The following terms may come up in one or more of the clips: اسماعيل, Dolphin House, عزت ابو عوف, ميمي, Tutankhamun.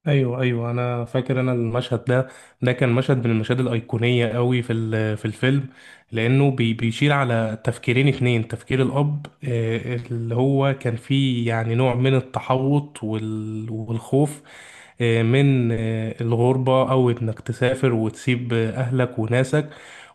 ايوه، ايوه، انا فاكر المشهد ده كان مشهد من المشاهد الايقونيه قوي في الفيلم، لانه بيشير على تفكيرين اتنين: تفكير الاب، اللي هو كان فيه يعني نوع من التحوط والخوف من الغربه، او انك تسافر وتسيب اهلك وناسك.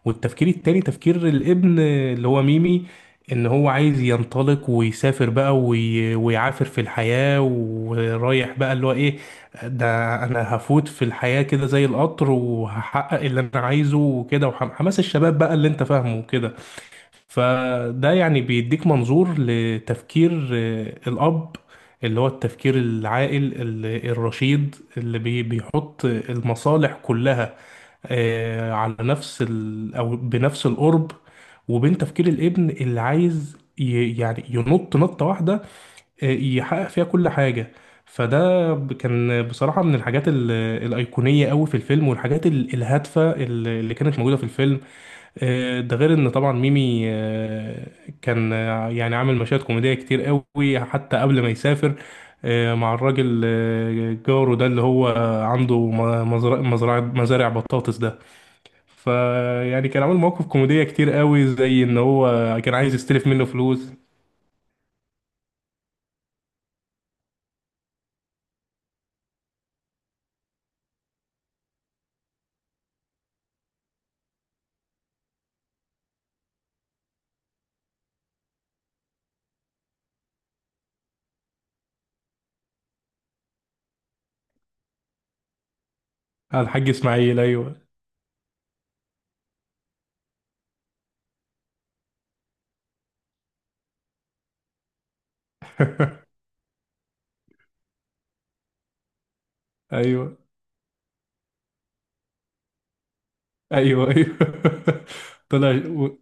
والتفكير التاني تفكير الابن، اللي هو ميمي، ان هو عايز ينطلق ويسافر بقى ويعافر في الحياة، ورايح بقى اللي هو ايه، ده انا هفوت في الحياة كده زي القطر، وهحقق اللي انا عايزه وكده، وحماس الشباب بقى اللي انت فاهمه كده. فده يعني بيديك منظور لتفكير الأب، اللي هو التفكير العاقل، الرشيد، اللي بيحط المصالح كلها على نفس ال أو بنفس القرب، وبين تفكير الابن اللي عايز يعني ينط نطة واحدة يحقق فيها كل حاجة. فده كان بصراحة من الحاجات الأيقونية قوي في الفيلم، والحاجات الهادفة اللي كانت موجودة في الفيلم. ده غير ان طبعا ميمي كان يعني عامل مشاهد كوميديه كتير قوي حتى قبل ما يسافر، مع الراجل جاره ده اللي هو عنده م- مزرعه مزرعه مزارع بطاطس ده. فيعني كان عامل مواقف كوميديه كتير قوي، زي ان هو كان عايز يستلف منه فلوس على الحاج اسماعيل. ايوه. ايوه، ايوه، ايوه. طلع و-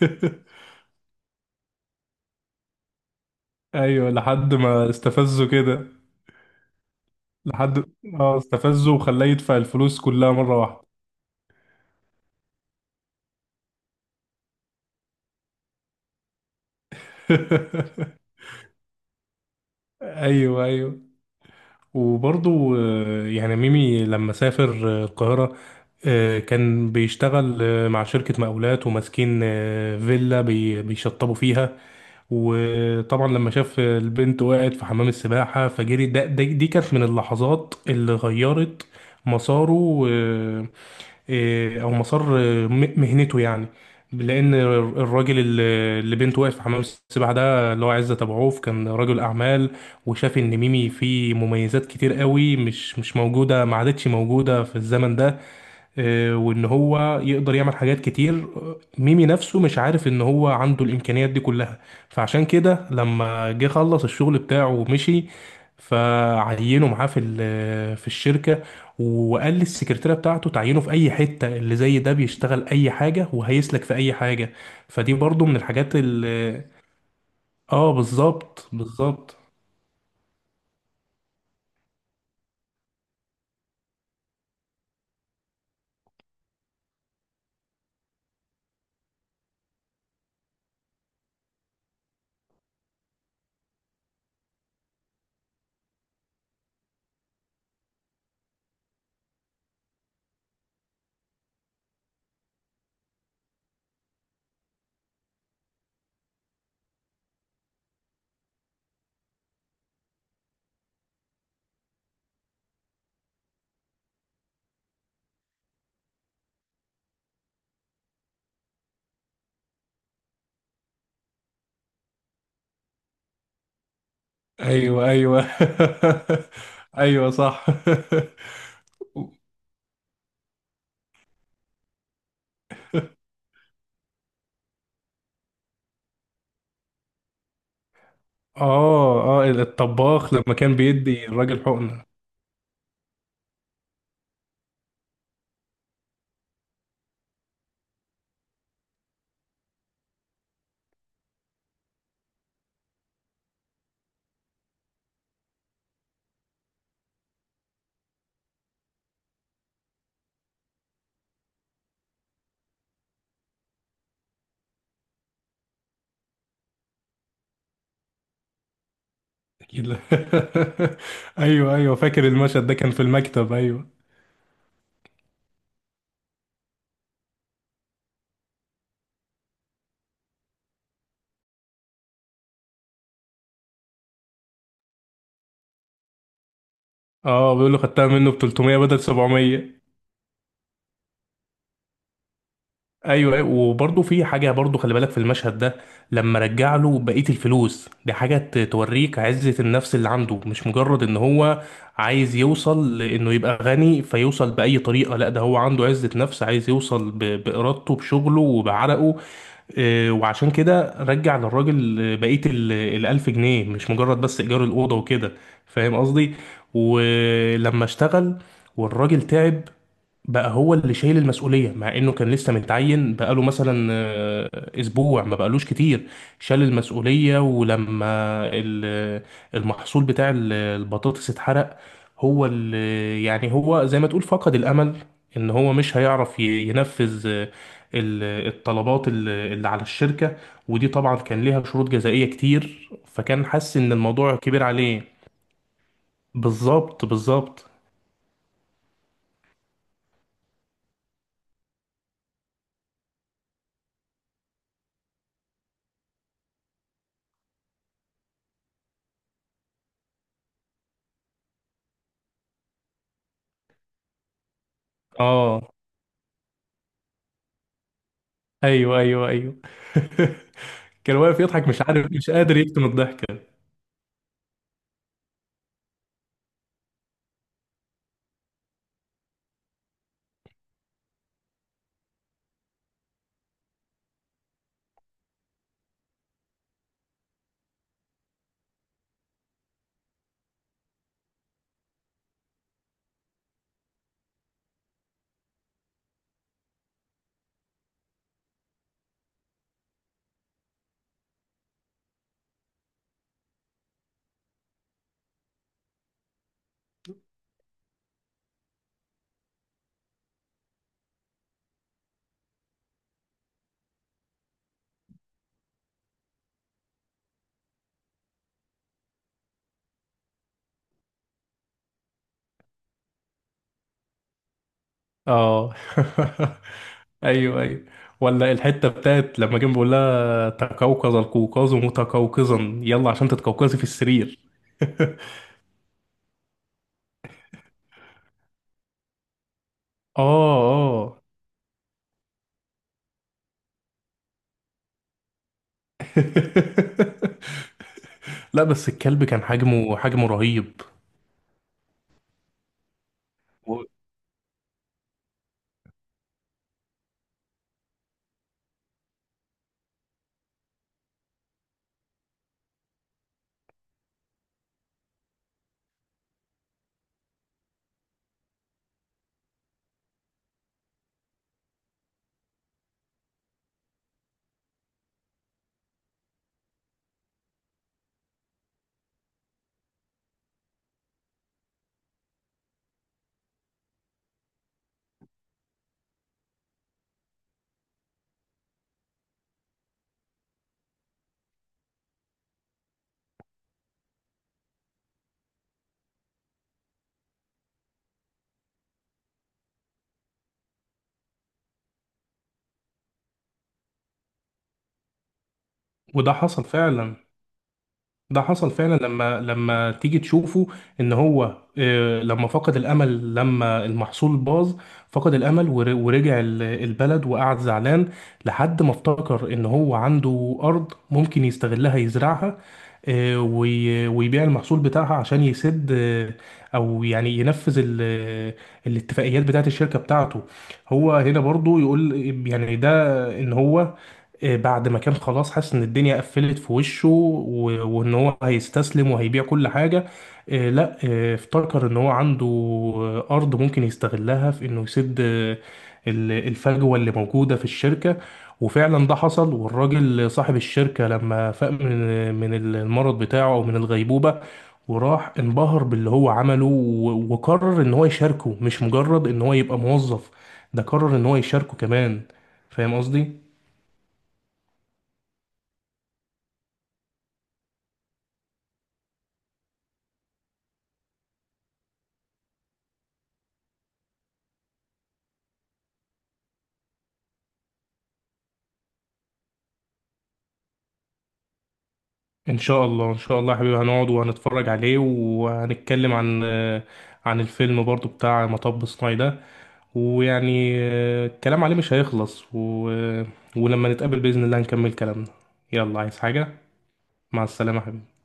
ايوه، لحد ما استفزه كده. لحد، اه استفزه، وخلاه يدفع الفلوس كلها مرة واحدة. ايوه، ايوه. وبرضو يعني ميمي لما سافر القاهرة، كان بيشتغل مع شركة مقاولات، وماسكين فيلا بيشطبوا فيها. وطبعا لما شاف البنت وقعت في حمام السباحة فجري دي كانت من اللحظات اللي غيرت مساره، او مسار مهنته يعني. لان الراجل اللي بنته وقف في حمام السباحه ده، اللي هو عزت ابو عوف، كان رجل اعمال، وشاف ان ميمي فيه مميزات كتير قوي مش موجوده، ما عادتش موجوده في الزمن ده، وان هو يقدر يعمل حاجات كتير. ميمي نفسه مش عارف ان هو عنده الامكانيات دي كلها. فعشان كده لما جه خلص الشغل بتاعه ومشي، فعينه معاه في الشركه، وقال للسكرتيره بتاعته تعينه في اي حته، اللي زي ده بيشتغل اي حاجه وهيسلك في اي حاجه. فدي برضو من الحاجات اللي… اه، بالظبط، بالظبط. ايوه، ايوه. ايوه، صح. اه، اه، الطباخ لما كان بيدي الراجل حقنة. اكيد لا. ايوه، ايوه، فاكر المشهد ده، كان في المكتب، ايوه. اه، بيقول له خدتها منه ب 300 بدل 700. ايوه، أيوة، وبرضه في حاجه، برضه خلي بالك في المشهد ده. لما رجع له بقيه الفلوس، دي حاجه توريك عزه النفس اللي عنده، مش مجرد ان هو عايز يوصل لانه يبقى غني فيوصل باي طريقه. لا، ده هو عنده عزه نفس، عايز يوصل بارادته، بشغله، وبعرقه. وعشان كده رجع للراجل بقية الألف جنيه، مش مجرد بس إيجار الأوضة وكده. فاهم قصدي؟ ولما اشتغل والراجل تعب، بقى هو اللي شايل المسؤولية، مع انه كان لسه متعين بقاله مثلا اسبوع، ما بقالوش كتير. شال المسؤولية، ولما ال- المحصول بتاع البطاطس اتحرق، هو اللي يعني هو زي ما تقول فقد الامل ان هو مش هيعرف ينفذ الطلبات اللي على الشركة. ودي طبعا كان ليها شروط جزائية كتير، فكان حاسس ان الموضوع كبير عليه. بالظبط، بالظبط. اه، ايوه، ايوه، ايوه. كان واقف يضحك، مش عارف، مش قادر يكتم الضحكه. اه. ايوه، ايوه. ولا الحته بتاعت لما كان بيقول لها تقوقظ القوقاز متقوقظا، يلا عشان تتقوقظي في السرير. اه، اه. لا، بس الكلب كان حجمه، حجمه رهيب. و- وده حصل فعلا. ده حصل فعلا، لما تيجي تشوفه ان هو لما فقد الامل، لما المحصول باظ، فقد الامل ورجع البلد وقعد زعلان، لحد ما افتكر ان هو عنده ارض ممكن يستغلها يزرعها، ويبيع المحصول بتاعها عشان يسد او يعني ينفذ الاتفاقيات بتاعت الشركة بتاعته. هو هنا برضو يقول يعني ده ان هو بعد ما كان خلاص حاسس ان الدنيا قفلت في وشه، وان هو هيستسلم وهيبيع كل حاجة، لا، افتكر ان هو عنده ارض ممكن يستغلها في انه يسد الفجوة اللي موجودة في الشركة. وفعلا ده حصل، والراجل صاحب الشركة لما فاق من المرض بتاعه او من الغيبوبة، وراح انبهر باللي هو عمله، وقرر ان هو يشاركه، مش مجرد ان هو يبقى موظف، ده قرر ان هو يشاركه كمان. فاهم قصدي؟ ان شاء الله، ان شاء الله يا حبيبي، هنقعد وهنتفرج عليه، وهنتكلم عن عن الفيلم برضو بتاع مطب صناعي ده. ويعني الكلام عليه مش هيخلص ولما نتقابل بإذن الله نكمل كلامنا. يلا، عايز حاجة؟ مع السلامة يا حبيبي.